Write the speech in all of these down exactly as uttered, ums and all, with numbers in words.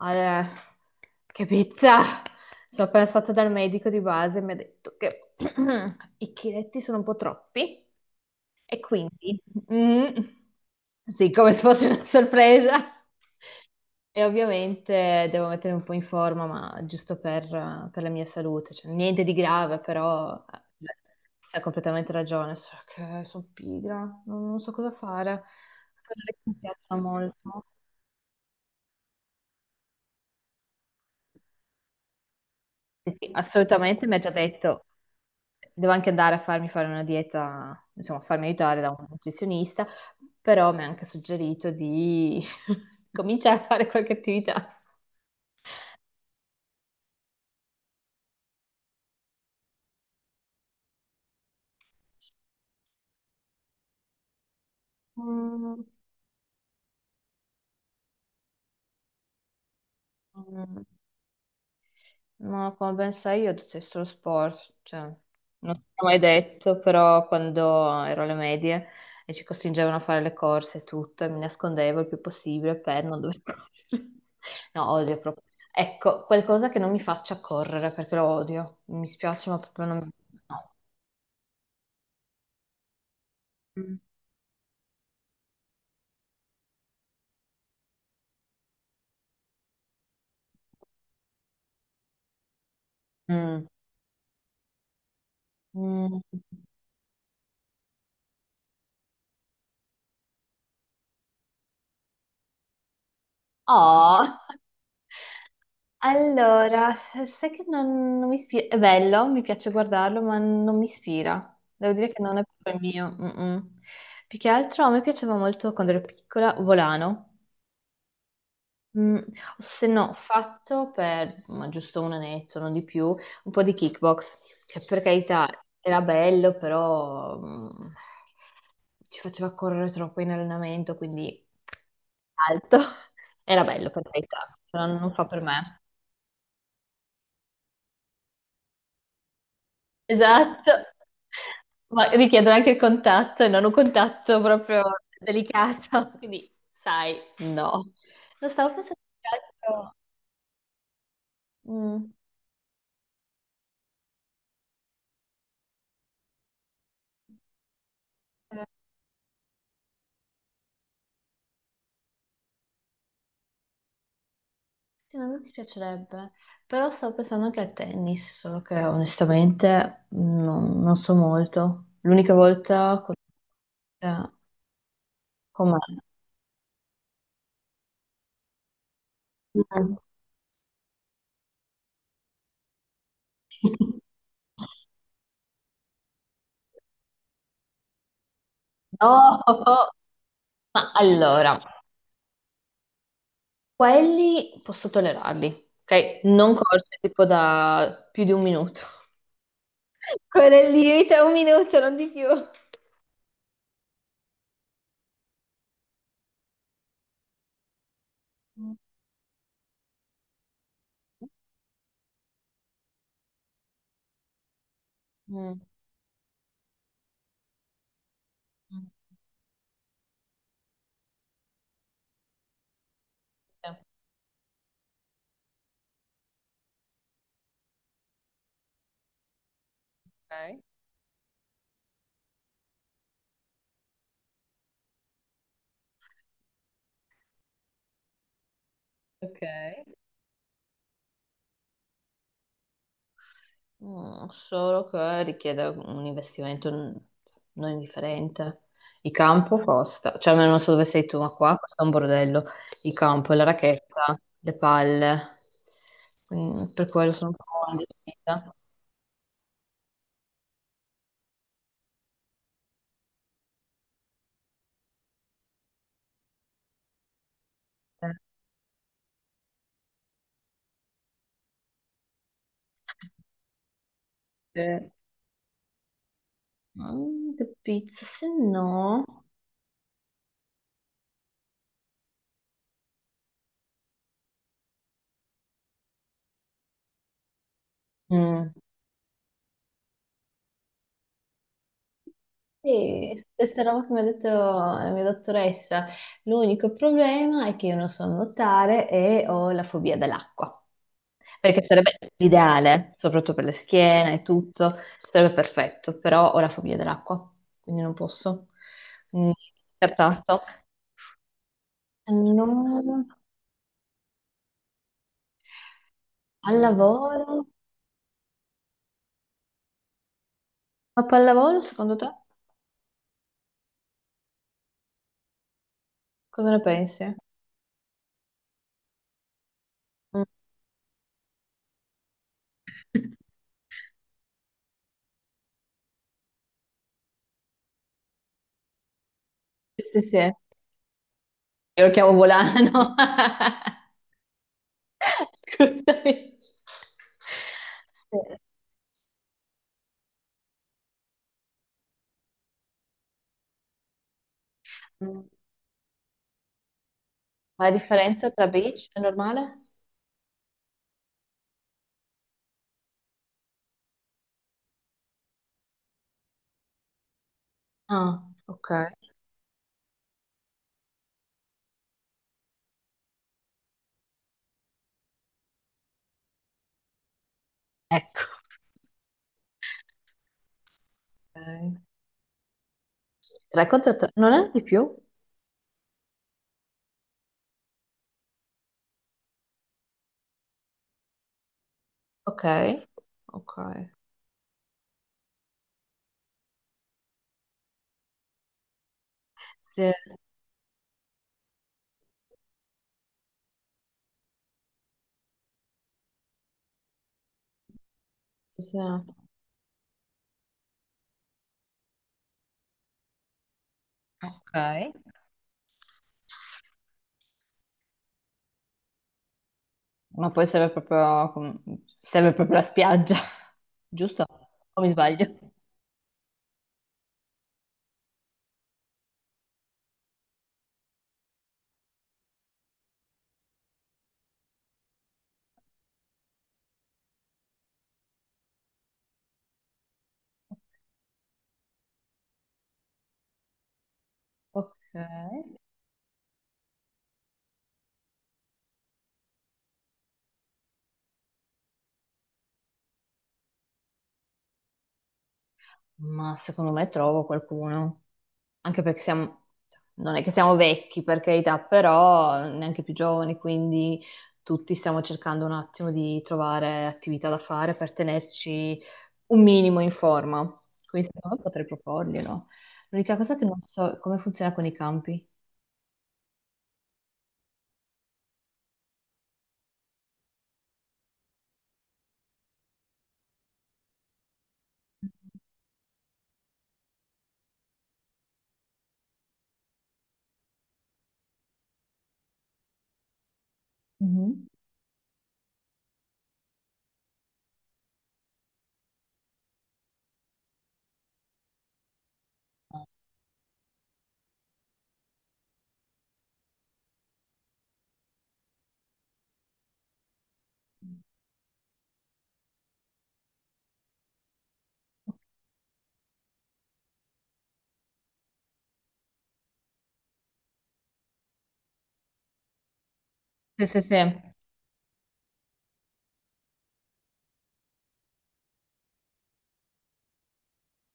Eh, che pizza! Sono appena stata dal medico di base e mi ha detto che i chiletti sono un po' troppi e quindi, mm, sì, come se fosse una sorpresa. E ovviamente devo mettere un po' in forma, ma giusto per, per la mia salute, cioè, niente di grave, però hai completamente ragione, solo che sono pigra, non, non so cosa fare. Però mi piacciono molto. Sì, sì, assolutamente, mi ha già detto, devo anche andare a farmi fare una dieta, insomma, a farmi aiutare da un nutrizionista, però mi ha anche suggerito di cominciare a fare qualche attività. Mm. Mm. Ma come ben sai io detesto lo sport, cioè, non ti ho mai detto, però quando ero alle medie e ci costringevano a fare le corse e tutto, e mi nascondevo il più possibile per non dover correre. No, odio proprio. Ecco, qualcosa che non mi faccia correre, perché lo odio. Mi spiace, ma proprio non mi... No. Mm. Mm. Mm. Oh! Allora, sai che non, non mi ispira, è bello, mi piace guardarlo, ma non mi ispira. Devo dire che non è proprio il mio. Mm-mm. Più che altro a me piaceva molto quando ero piccola, volano. Mm, o se no, ho fatto per ma giusto un annetto, non di più, un po' di kickbox, che per carità era bello, però mm, ci faceva correre troppo in allenamento, quindi alto. Era bello per carità, però non fa per me. Esatto, ma richiedono anche il contatto e non un contatto proprio delicato, quindi sai, no. Non stavo pensando che altro... Mm, eh, sì, non mi dispiacerebbe, però stavo pensando anche a tennis, solo che onestamente non, non so molto. L'unica volta con... eh, com'è? Mm. No, oh, oh, ma allora, quelli posso tollerarli, ok? Non corse tipo da più di un minuto. Quello è il limite, un minuto, non di più. Mm. Mm. Sì. Ok. Ok. Mm, solo che richiede un investimento n- non indifferente. Il campo costa, cioè almeno non so dove sei tu, ma qua costa un bordello. Il campo, la racchetta, le palle. Mm, per quello sono un po' indecisa. Eh. Sì. Mm, capito, se no... Mm. Sì, stessa roba che mi ha detto la mia dottoressa. L'unico problema è che io non so nuotare e ho la fobia dell'acqua, perché sarebbe l'ideale, soprattutto per le schiene e tutto, sarebbe perfetto, però ho la fobia dell'acqua, quindi non posso. Quindi, scartato. No, al lavoro. Ma pallavolo, secondo te? Cosa ne pensi? Mm. Sì, sì, sì. Io lo chiamo volano. Scusami. Sì. Ma la differenza tra beach e normale? Ah, ok. Ecco. Ok. Tre contro tre. Non è di più? Ok. Ok. Sì. Sì, sì. Ok. Ma poi serve proprio, com- serve proprio la spiaggia, giusto? O mi sbaglio? Ok. Ma secondo me trovo qualcuno, anche perché siamo, cioè, non è che siamo vecchi per carità, però neanche più giovani, quindi tutti stiamo cercando un attimo di trovare attività da fare per tenerci un minimo in forma. Quindi secondo me potrei proporglielo. L'unica cosa che non so è come funziona con i campi. Mhm. Sì, sì, sì.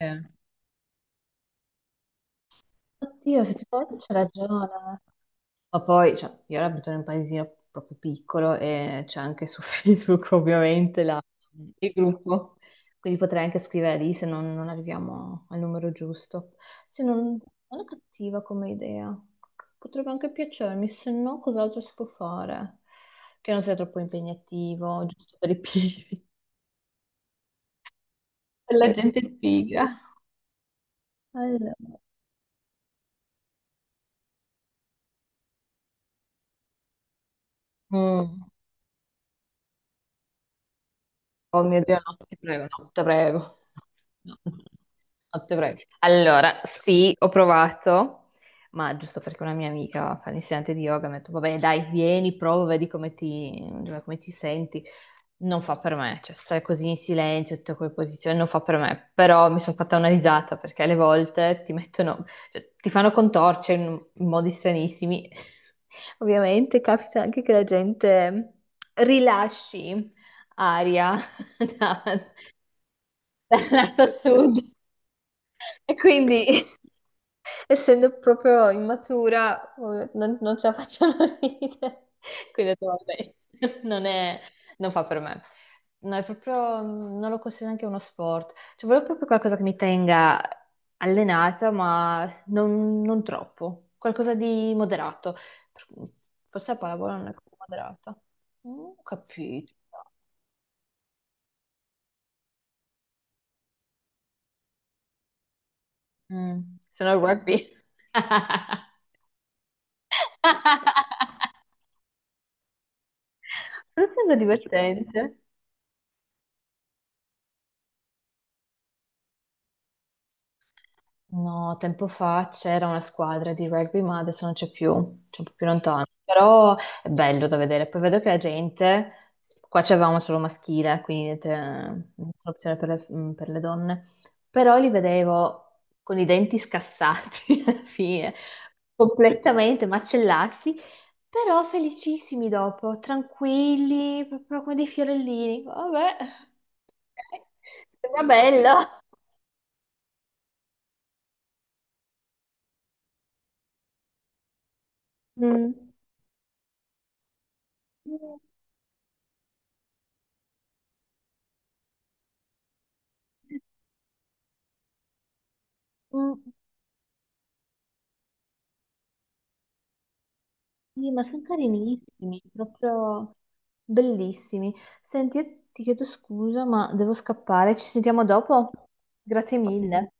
Sì. Oddio, effettivamente c'è ragione. Ma poi, cioè, io ora abito in un paesino proprio piccolo e c'è anche su Facebook ovviamente la- il gruppo, quindi potrei anche scrivere lì se non, non arriviamo al numero giusto. Se non, non è cattiva come idea, potrebbe anche piacermi, se no cos'altro si può fare? Che non sia troppo impegnativo, giusto per i pigri, per la gente pigra. Allora, mm. Oh mio Dio, no, ti prego, no, te prego. No, no, te prego. Allora, sì, ho provato, ma giusto perché una mia amica fa l'insegnante di yoga, mi ha detto, va bene, dai, vieni, prova, vedi come ti, come ti senti. Non fa per me, cioè stare così in silenzio, tutte quelle posizioni, non fa per me. Però mi sono fatta una risata perché alle volte ti mettono, cioè, ti fanno contorcere in in modi stranissimi. Ovviamente capita anche che la gente rilasci aria da- dal lato sud e quindi essendo proprio immatura eh, non, non ce la facciano ridere. Quindi ho detto, vabbè, non è, non fa per me. No, è proprio, non lo considero neanche uno sport. Cioè, volevo proprio qualcosa che mi tenga allenata, ma non, non troppo. Qualcosa di moderato. Per- forse la pallavolo non è così moderata. Non ho capito. Mm, sono il rugby. Non sembra divertente. No, tempo fa c'era una squadra di rugby, ma adesso non c'è più, c'è un po' più lontano. Però è bello da vedere. Poi vedo che la gente, qua c'avevamo solo maschile, quindi te- non c'è opzione per le, mm, per le donne. Però li vedevo con i denti scassati alla fine, completamente macellati, però felicissimi dopo, tranquilli, proprio come dei fiorellini. Vabbè, ok, sembra bello. Mm. Mm, sì, ma sono carinissimi, proprio bellissimi. Senti, io ti chiedo scusa, ma devo scappare. Ci sentiamo dopo? Grazie mille.